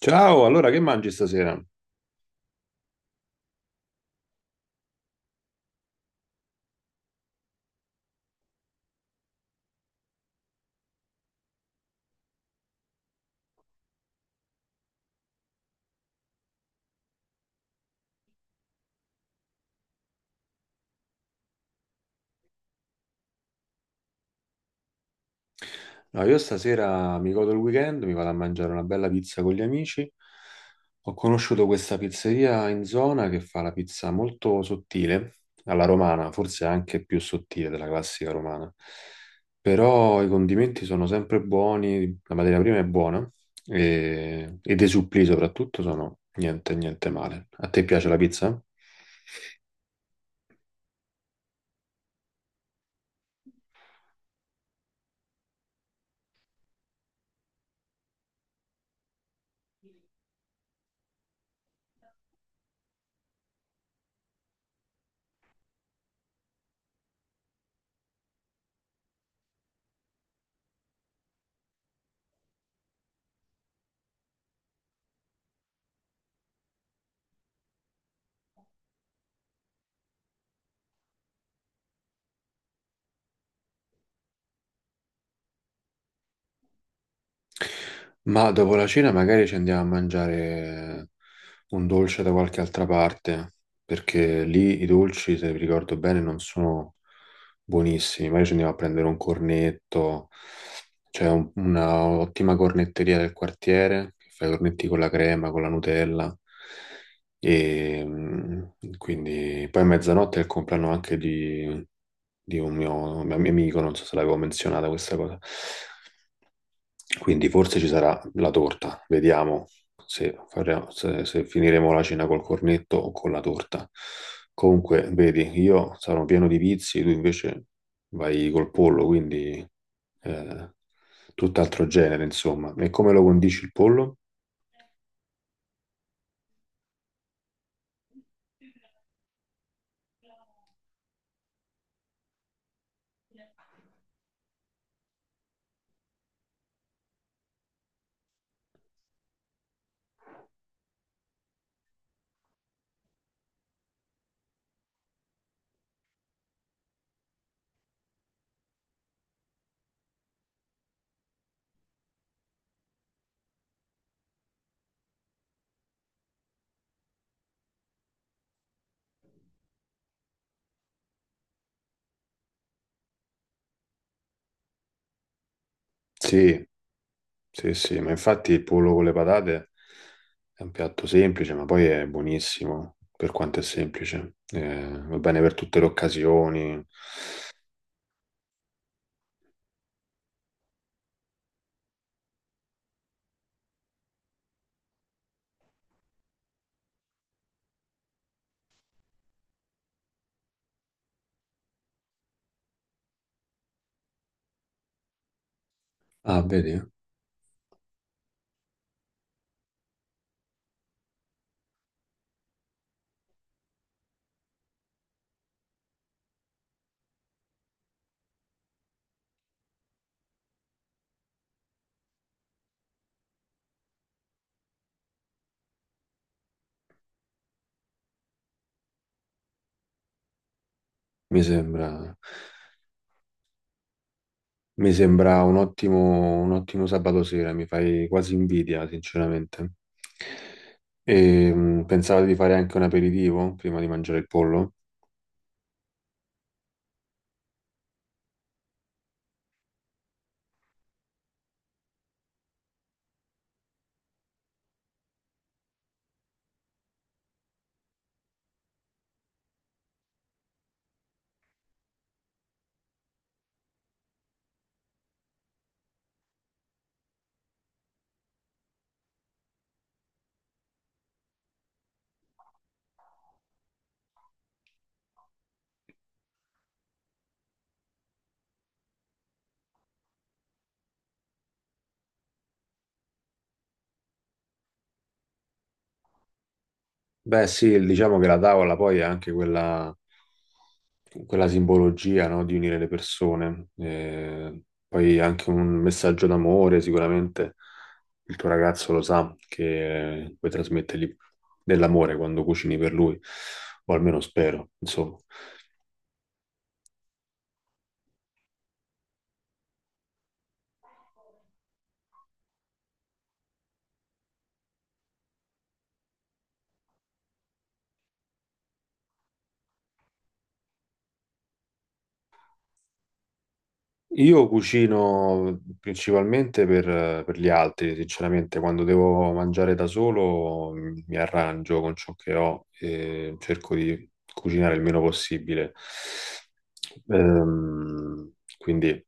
Ciao, allora che mangi stasera? No, io stasera mi godo il weekend, mi vado a mangiare una bella pizza con gli amici. Ho conosciuto questa pizzeria in zona che fa la pizza molto sottile, alla romana, forse anche più sottile della classica romana. Però i condimenti sono sempre buoni, la materia prima è buona e dei supplì soprattutto sono niente, niente male. A te piace la pizza? Ma dopo la cena magari ci andiamo a mangiare un dolce da qualche altra parte, perché lì i dolci, se vi ricordo bene, non sono buonissimi. Magari ci andiamo a prendere un cornetto, c'è una ottima cornetteria del quartiere che fa i cornetti con la crema, con la Nutella. E quindi poi a mezzanotte è il compleanno anche di un mio amico, non so se l'avevo menzionata questa cosa. Quindi forse ci sarà la torta, vediamo se, faremo- se- se finiremo la cena col cornetto o con la torta. Comunque, vedi, io sarò pieno di vizi, tu invece vai col pollo, quindi eh, tutt'altro genere, insomma. E come lo condisci il pollo? Sì, sì, sì, ma infatti il pollo con le patate è un piatto semplice, ma poi è buonissimo per quanto è semplice. Va bene per tutte le occasioni. Ah, vedi? Mi sembra, Mi sembra un un ottimo sabato sera, mi fai quasi invidia, sinceramente. E, pensavo di fare anche un aperitivo prima di mangiare il pollo? Beh, sì, diciamo che la tavola poi è anche quella simbologia, no, di unire le persone. Poi anche un messaggio d'amore, sicuramente il tuo ragazzo lo sa che puoi trasmettergli dell'amore quando cucini per lui, o almeno spero, insomma. Io cucino principalmente per gli altri, sinceramente, quando devo mangiare da solo mi arrangio con ciò che ho e cerco di cucinare il meno possibile. Ehm, quindi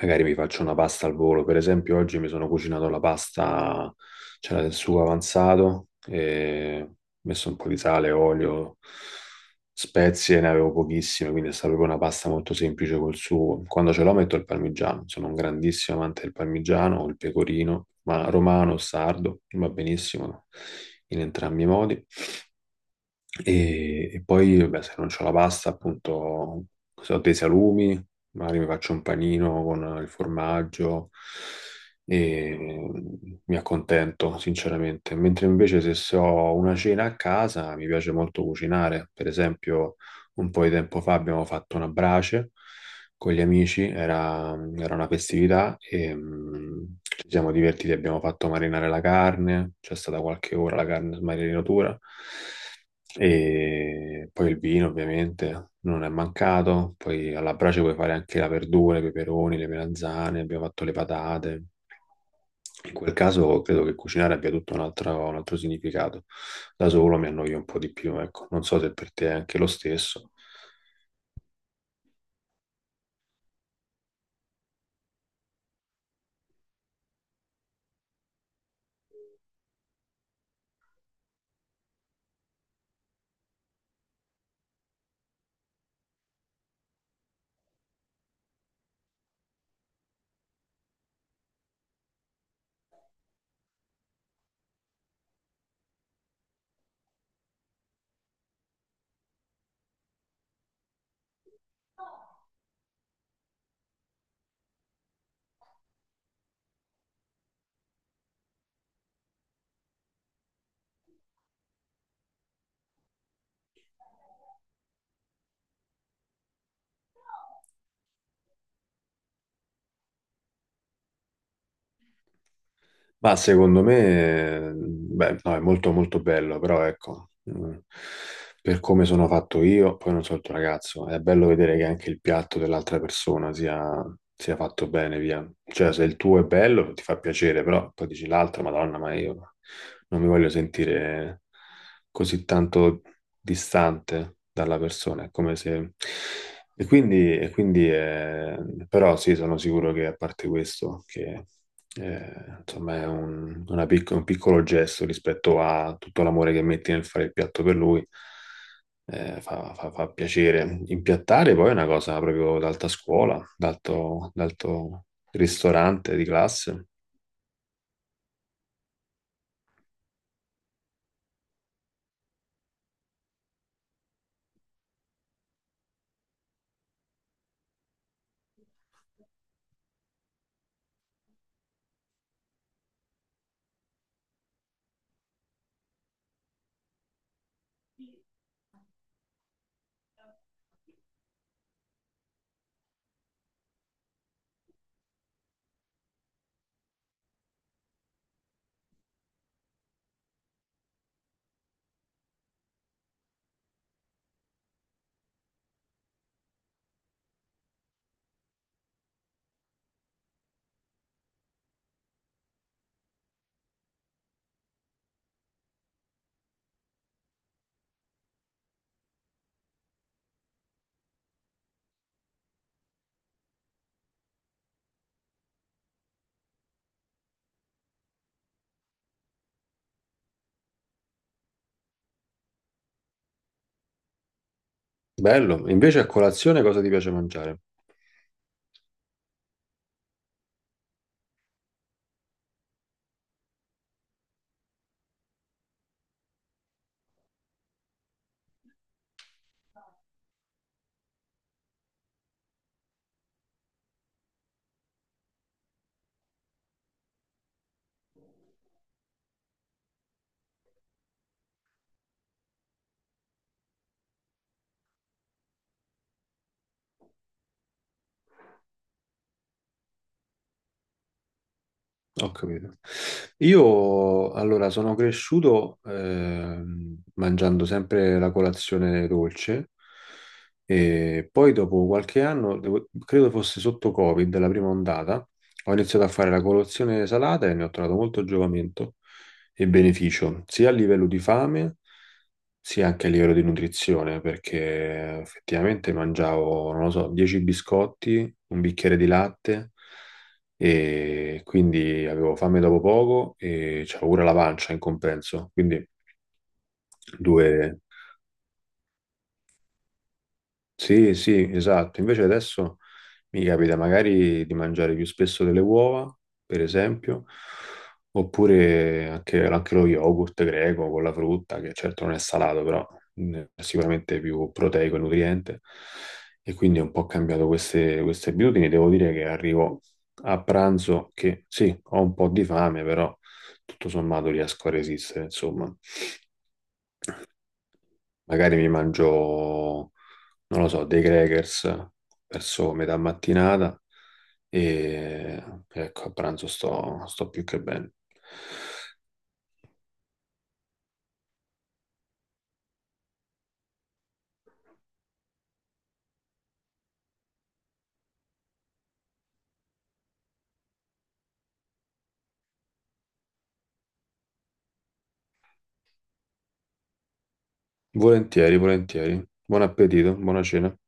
magari mi faccio una pasta al volo, per esempio oggi mi sono cucinato la pasta, c'era del sugo avanzato, e ho messo un po' di sale, olio, spezie ne avevo pochissime, quindi è stata proprio una pasta molto semplice col sugo. Quando ce l'ho metto il parmigiano, sono un grandissimo amante del parmigiano o il pecorino, ma romano o sardo, va benissimo in entrambi i modi. E poi, beh, se non c'ho la pasta, appunto, se ho dei salumi, magari mi faccio un panino con il formaggio e mi accontento, sinceramente. Mentre invece se ho una cena a casa, mi piace molto cucinare. Per esempio, un po' di tempo fa abbiamo fatto una brace con gli amici, era una festività e ci siamo divertiti, abbiamo fatto marinare la carne, c'è stata qualche ora la carne in marinatura e poi il vino ovviamente non è mancato, poi alla brace puoi fare anche la verdura, i peperoni, le melanzane, abbiamo fatto le patate. In quel caso credo che cucinare abbia tutto un un altro significato. Da solo mi annoio un po' di più, ecco. Non so se per te è anche lo stesso. Ma secondo me, beh, no, è molto molto bello, però ecco, per come sono fatto io, poi non so il tuo ragazzo, è bello vedere che anche il piatto dell'altra persona sia fatto bene, via. Cioè, se il tuo è bello, ti fa piacere, però poi dici l'altro, Madonna, ma io non mi voglio sentire così tanto distante dalla persona, è come se... E quindi, e quindi eh, però sì, sono sicuro che a parte questo, che insomma, è un, una un piccolo gesto rispetto a tutto l'amore che metti nel fare il piatto per lui. Fa piacere. Impiattare poi è una cosa proprio d'alta scuola, d'alto ristorante di classe. Bello. Invece a colazione cosa ti piace mangiare? Ho capito. Io allora sono cresciuto mangiando sempre la colazione dolce e poi dopo qualche anno, credo fosse sotto Covid, la prima ondata, ho iniziato a fare la colazione salata e ne ho trovato molto giovamento e beneficio, sia a livello di fame sì, anche a livello di nutrizione, perché effettivamente mangiavo, non lo so, 10 biscotti, un bicchiere di latte e quindi avevo fame dopo poco e c'avevo pure la pancia in compenso. Quindi due... Sì, sì, esatto. Invece adesso mi capita magari di mangiare più spesso delle uova, per esempio, oppure anche lo yogurt greco con la frutta, che certo non è salato, però è sicuramente più proteico e nutriente. E quindi ho un po' cambiato queste abitudini. Devo dire che arrivo a pranzo che sì, ho un po' di fame, però tutto sommato riesco a resistere, insomma. Magari mi mangio non lo so, dei crackers verso metà mattinata e ecco, a pranzo sto più che bene. Volentieri, volentieri. Buon appetito, buona cena.